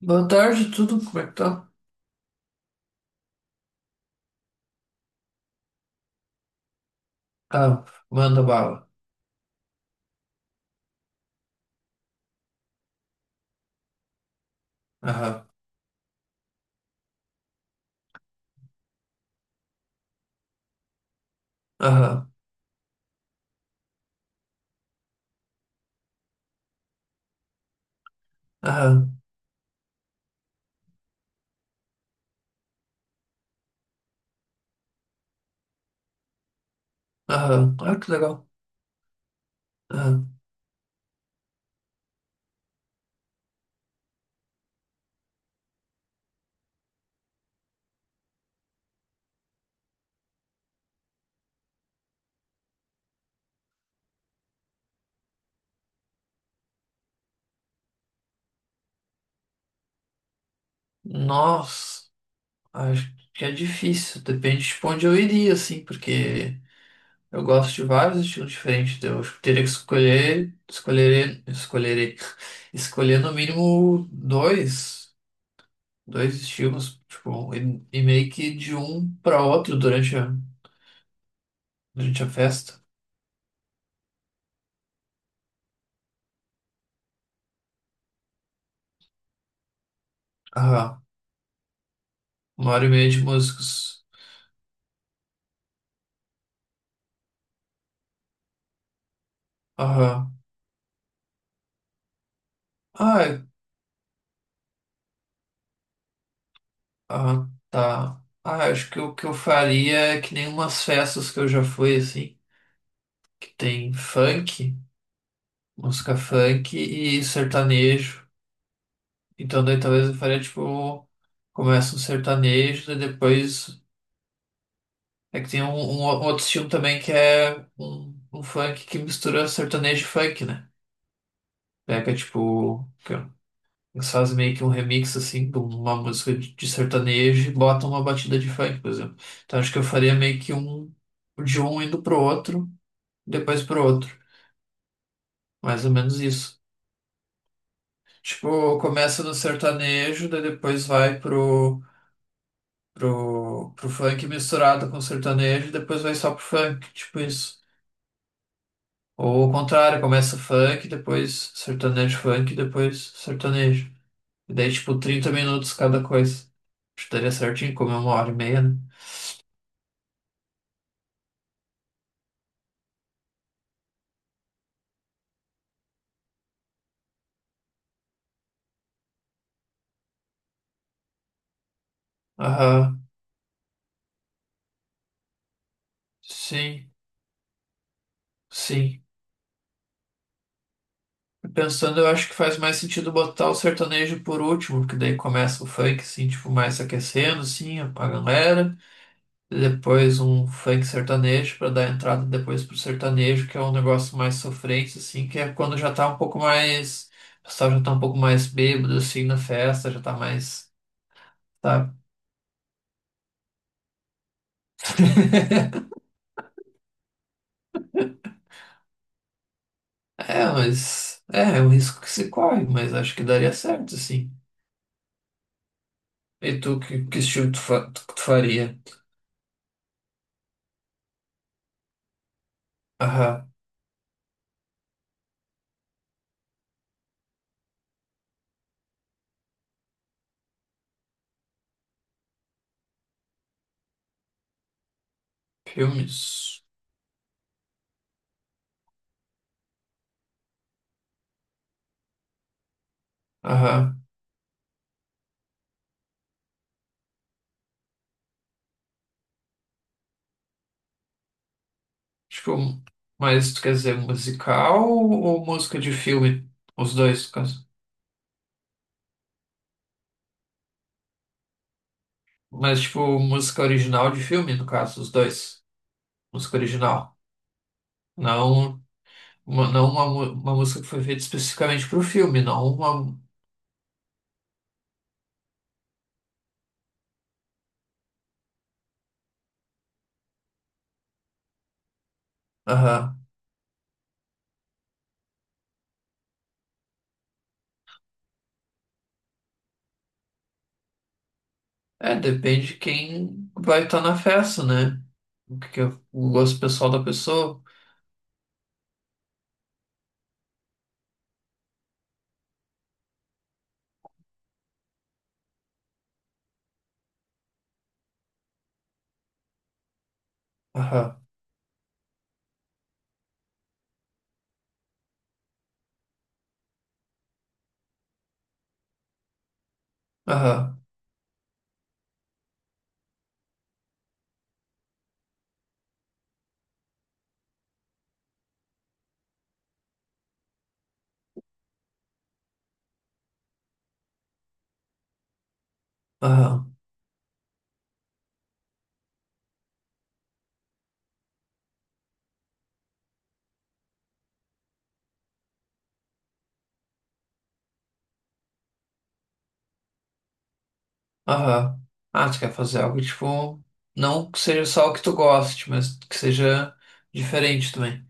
Boa tarde, tudo? Como é que tá? Ah, manda bala. Aham, aham, aham, aham. Ah, que legal. Aham. Nossa, acho que é difícil. Depende de onde eu iria, assim, porque eu gosto de vários estilos diferentes. Então eu acho que teria que escolher, escolherei, escolherei, escolher no mínimo dois, dois estilos, tipo, e meio que de um para outro durante a festa. Aham, 1 hora e meia de músicos. Aham. Ah, ah, tá. Ah, acho que o que eu faria é que nem umas festas que eu já fui, assim, que tem funk, música funk e sertanejo. Então daí talvez eu faria, tipo, começa um sertanejo, daí depois é que tem outro estilo também que é um funk que mistura sertanejo e funk, né? Pega, tipo, eles fazem meio que um remix assim de uma música de sertanejo e botam uma batida de funk, por exemplo. Então acho que eu faria meio que um de um indo pro outro, depois pro outro. Mais ou menos isso. Tipo, começa no sertanejo, daí depois vai pro funk misturado com sertanejo, depois vai só pro funk, tipo isso. Ou o contrário, começa funk, depois sertanejo funk, depois sertanejo. E daí, tipo, 30 minutos cada coisa. Acho que daria certinho, como é 1 hora e meia, né? Aham, sim, sim. Pensando, eu acho que faz mais sentido botar o sertanejo por último, porque daí começa o funk, assim, tipo, mais se aquecendo, assim, a galera. E depois um funk sertanejo pra dar entrada depois pro sertanejo, que é um negócio mais sofrente, assim, que é quando já tá um pouco mais. O pessoal já tá um pouco mais bêbado, assim, na festa, já tá mais. Tá. É, mas. É, é um risco que se corre, mas acho que daria certo, assim. E tu, que estilo tu, tu faria? Aham. Filmes. Aham. Acho que o... Mas tu quer dizer musical ou música de filme? Os dois, no caso. Mas, tipo, música original de filme, no caso, os dois. Música original. Não uma, não uma, mu- uma música que foi feita especificamente pro filme, não uma. Aham. É, depende de quem vai estar na festa, né? O que que é o gosto pessoal da pessoa. Aham. Aham. Aham. Aham. Ah, tu quer fazer algo tipo. Não que seja só o que tu goste, mas que seja diferente também.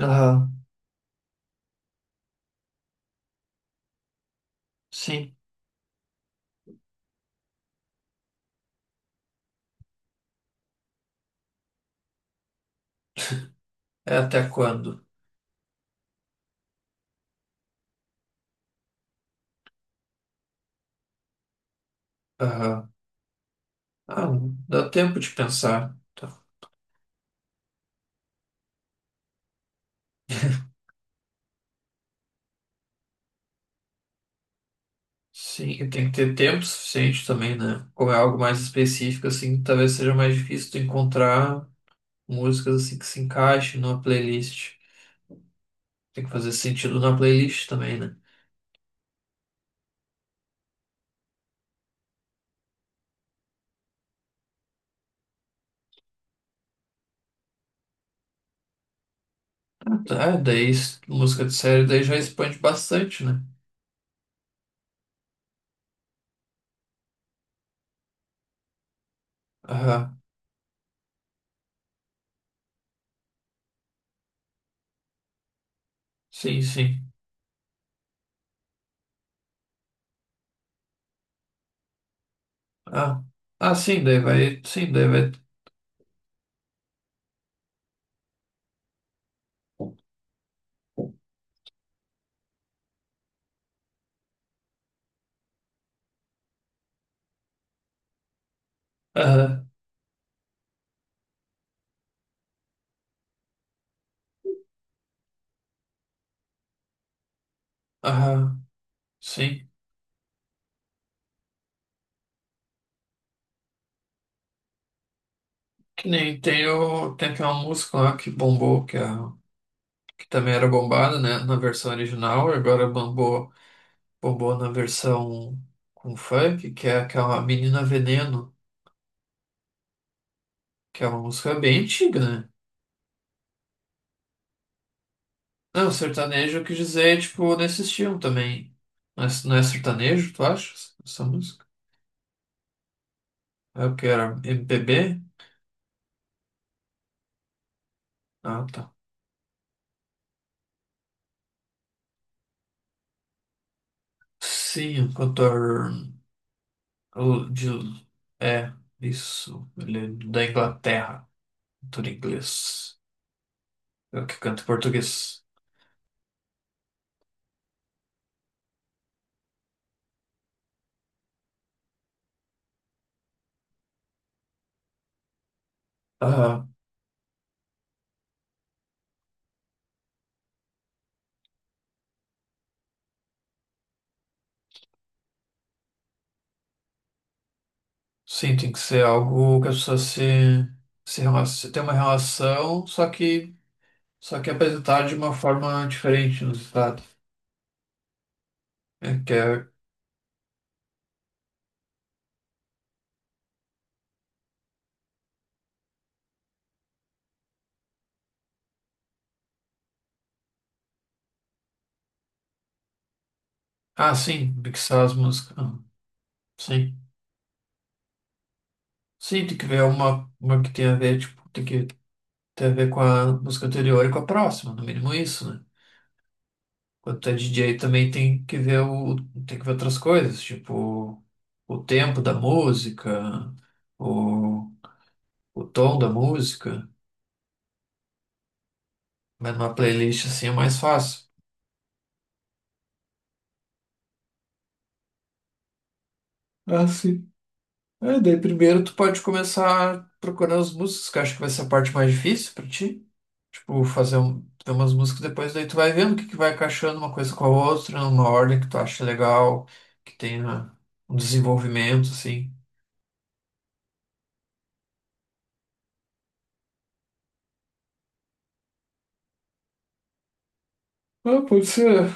Aham. Sim. É até quando? Aham. Ah, dá tempo de pensar. Tá. Sim, e tem que ter tempo suficiente também, né? Como é algo mais específico, assim, talvez seja mais difícil tu encontrar músicas assim que se encaixem numa playlist. Tem que fazer sentido na playlist também, né? Ah, música de série daí já expande bastante, né? Aham. Sim, sim. Ah, sim, daí vai. Aham, aham, sim. Que nem tem, o, tem aquela música lá que bombou, que, a, que também era bombada, né, na versão original, agora bombou na versão com funk, que é aquela Menina Veneno, que é uma música bem antiga, né? Não, sertanejo eu quis dizer, tipo, nesse estilo também. Não é sertanejo, tu acha? Essa música? É o que era? MPB? Ah, tá. Sim, o cantor. O de, é, isso. Ele é da Inglaterra. Tudo inglês. Eu que canto em português. Ah, sim, tem que ser algo que a pessoa se relaciona, tem uma relação, só que apresentar de uma forma diferente no estado. É que é, ah, sim, mixar as músicas. Ah, sim. Sim, tem que ver uma que tenha a ver, tipo, tem que ter a ver com a música anterior e com a próxima, no mínimo isso, né? Quando tu é DJ também tem que ver o, tem que ver outras coisas, tipo o tempo da música, o, o tom da música. Mas numa playlist assim é mais fácil. Ah, sim. É, daí primeiro tu pode começar procurando as músicas, que eu acho que vai ser a parte mais difícil pra ti. Tipo, fazer um, ter umas músicas depois, daí tu vai vendo o que, que vai encaixando uma coisa com a outra, numa ordem que tu acha legal, que tenha um desenvolvimento, assim. Ah, pode ser.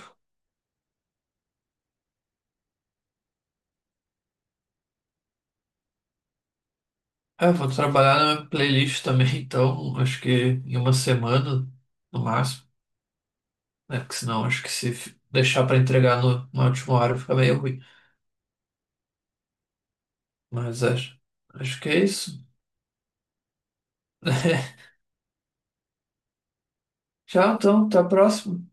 É, vou trabalhar na minha playlist também, então acho que em uma semana, no máximo, né? Porque senão acho que se deixar para entregar no, na última hora fica meio ruim. Mas acho, acho que é isso. Tchau, então, até a próxima.